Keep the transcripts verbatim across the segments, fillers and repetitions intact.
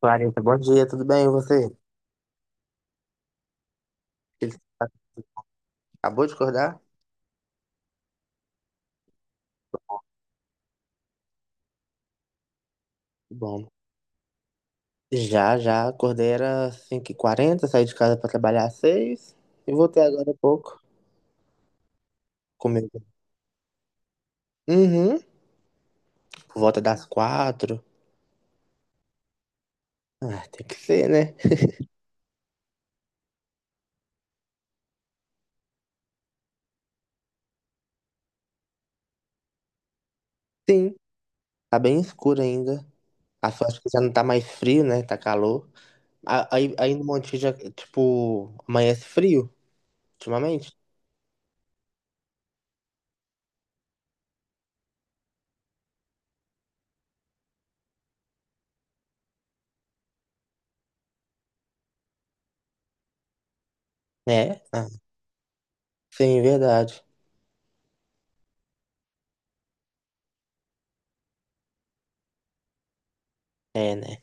Clarita, bom dia, tudo bem? E você? Ele acabou de acordar? Bom, já, já, acordei era cinco e quarenta, saí de casa para trabalhar às seis e voltei agora há pouco. Comigo. Uhum, por volta das quatro. Ah, tem que ser, né? Sim, tá bem escuro ainda. A sorte que já não tá mais frio, né? Tá calor. A- Aí, aí no Monte já, tipo, amanhece frio, ultimamente. É? Ah, sim, verdade. É, né?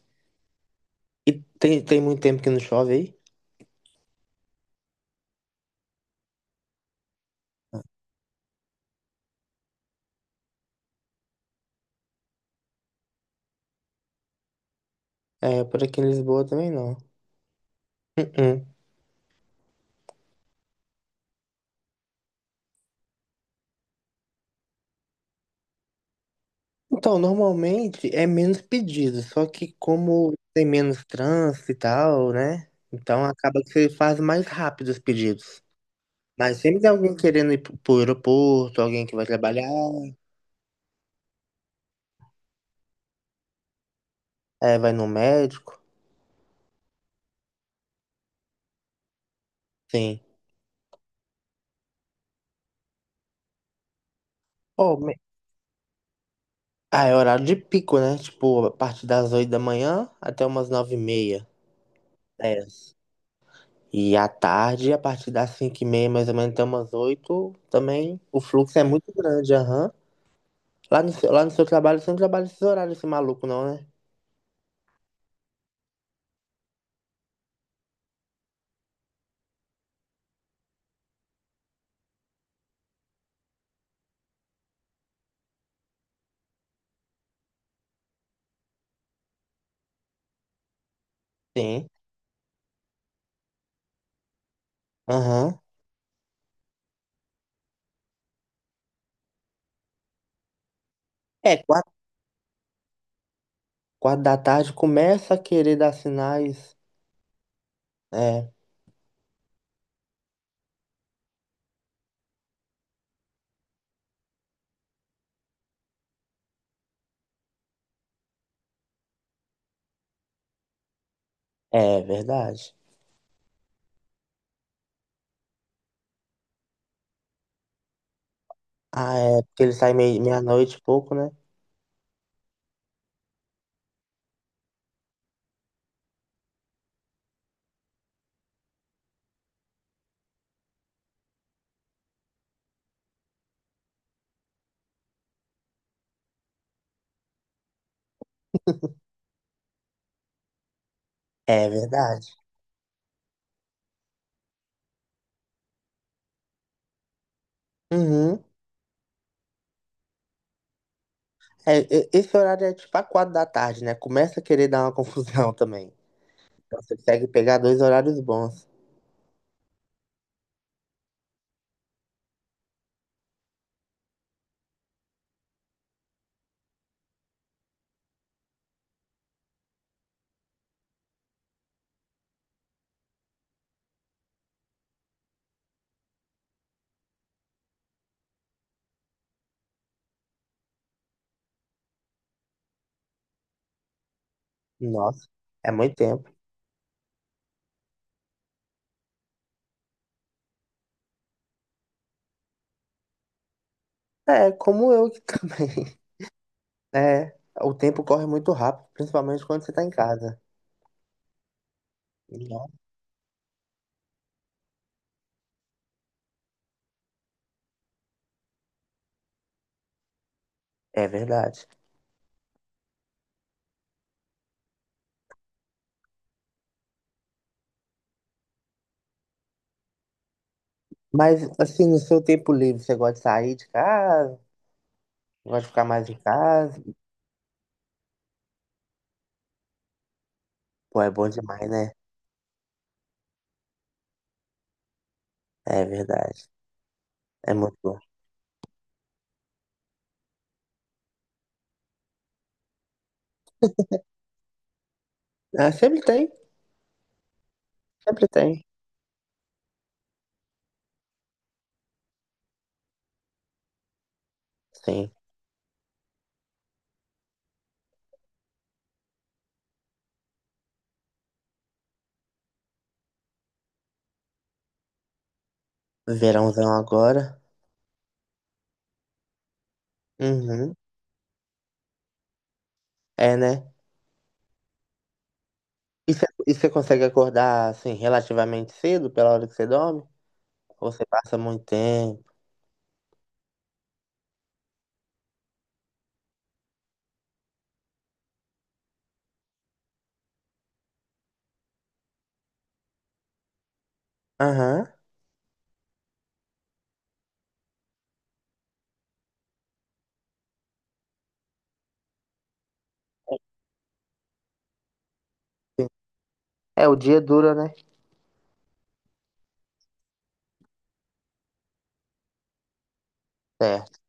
E tem, tem muito tempo que não chove aí? É, por aqui em Lisboa também não. Uh-uh. Então, normalmente é menos pedido, só que como tem menos trânsito e tal, né? Então acaba que você faz mais rápido os pedidos. Mas sempre tem alguém querendo ir pro pro aeroporto, alguém que vai trabalhar, é, vai no médico, sim. Oh, me- Ah, é horário de pico, né? Tipo, a partir das oito da manhã até umas nove e meia, dez. E à tarde, a partir das cinco e meia, mais ou menos, até umas oito também o fluxo é muito grande, aham. Lá no, seu- lá no seu trabalho, você não trabalha esses horários, esse maluco, não, né? Sim. Aham. É, quatro, quatro da tarde começa a querer dar sinais. É, é verdade. Ah, é, porque ele sai meia- meia-noite e pouco, né? É verdade. Uhum. É, e- esse horário é tipo a quatro da tarde, né? Começa a querer dar uma confusão também. Então você consegue pegar dois horários bons. Nossa, é muito tempo. É, como eu que também. É, o tempo corre muito rápido, principalmente quando você tá em casa. Não. É verdade. Mas, assim, no seu tempo livre, você gosta de sair de casa? Gosta de ficar mais em casa? Pô, é bom demais, né? É verdade. É muito bom. Ah, sempre tem, sempre tem. Sim. Verãozão agora. Uhum. É, né? E você e você consegue acordar, assim, relativamente cedo, pela hora que você dorme? Ou você passa muito tempo? Aham. Sim. É, o dia dura, né? Certo.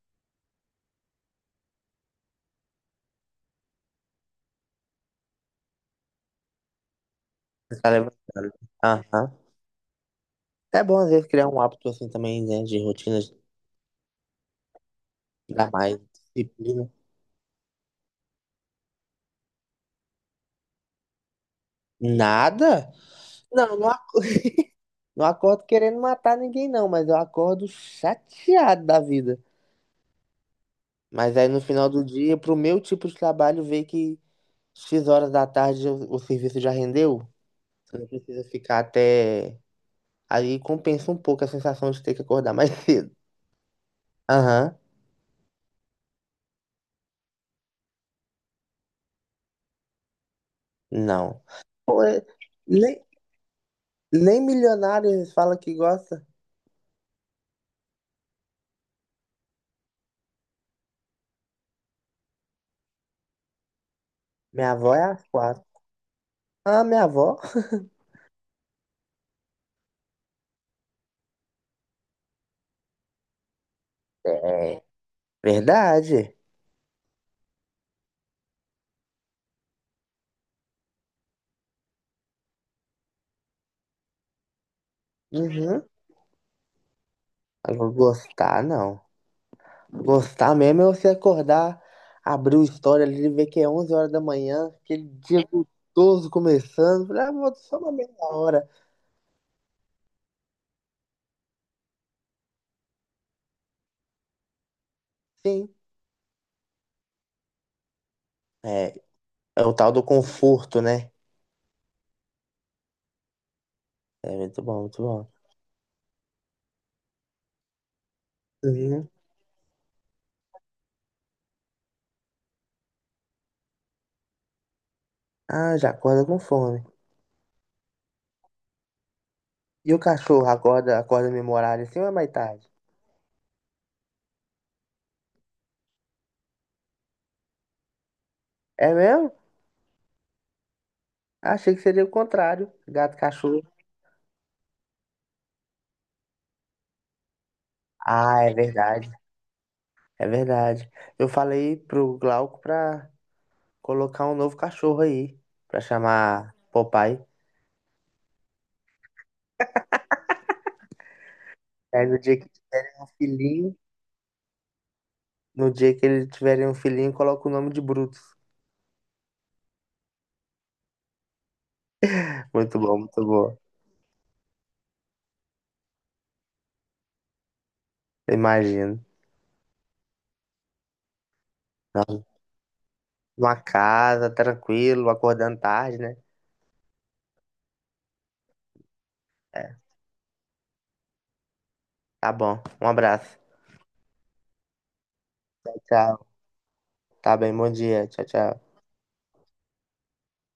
Você tá levantando. Aham. É bom, às vezes, criar um hábito, assim, também, né? De rotina, de dar mais disciplina. Nada? Não, não, a- não acordo querendo matar ninguém, não, mas eu acordo chateado da vida. Mas aí no final do dia, pro meu tipo de trabalho, ver que X horas da tarde o, o serviço já rendeu, você não precisa ficar até. Aí compensa um pouco a sensação de ter que acordar mais cedo. Aham, não. Pô, é- nem, nem milionários falam que gosta. Minha avó é às quatro. Ah, minha avó? É, verdade. Uhum. Eu vou gostar, não. Gostar mesmo é você acordar, abrir o story ali e ver que é onze horas da manhã, aquele dia gostoso começando. Falei, ah, vou só uma meia hora. Sim, é, é o tal do conforto, né? É muito bom, muito bom. Uhum. Ah, já acorda com fome. E o cachorro acorda, acorda no mesmo horário assim ou é mais tarde? É mesmo? Achei que seria o contrário, gato e cachorro. Ah, é verdade, é verdade. Eu falei pro Glauco pra colocar um novo cachorro aí, pra chamar Popeye. Aí no dia que tiverem um filhinho, no dia que eles tiverem um filhinho, coloca o nome de Brutus. Muito bom, muito bom. Imagino. Nossa, uma casa, tranquilo, acordando tarde, né? É, tá bom. Um abraço. Tchau, tchau. Tá bem, bom dia. Tchau, tchau.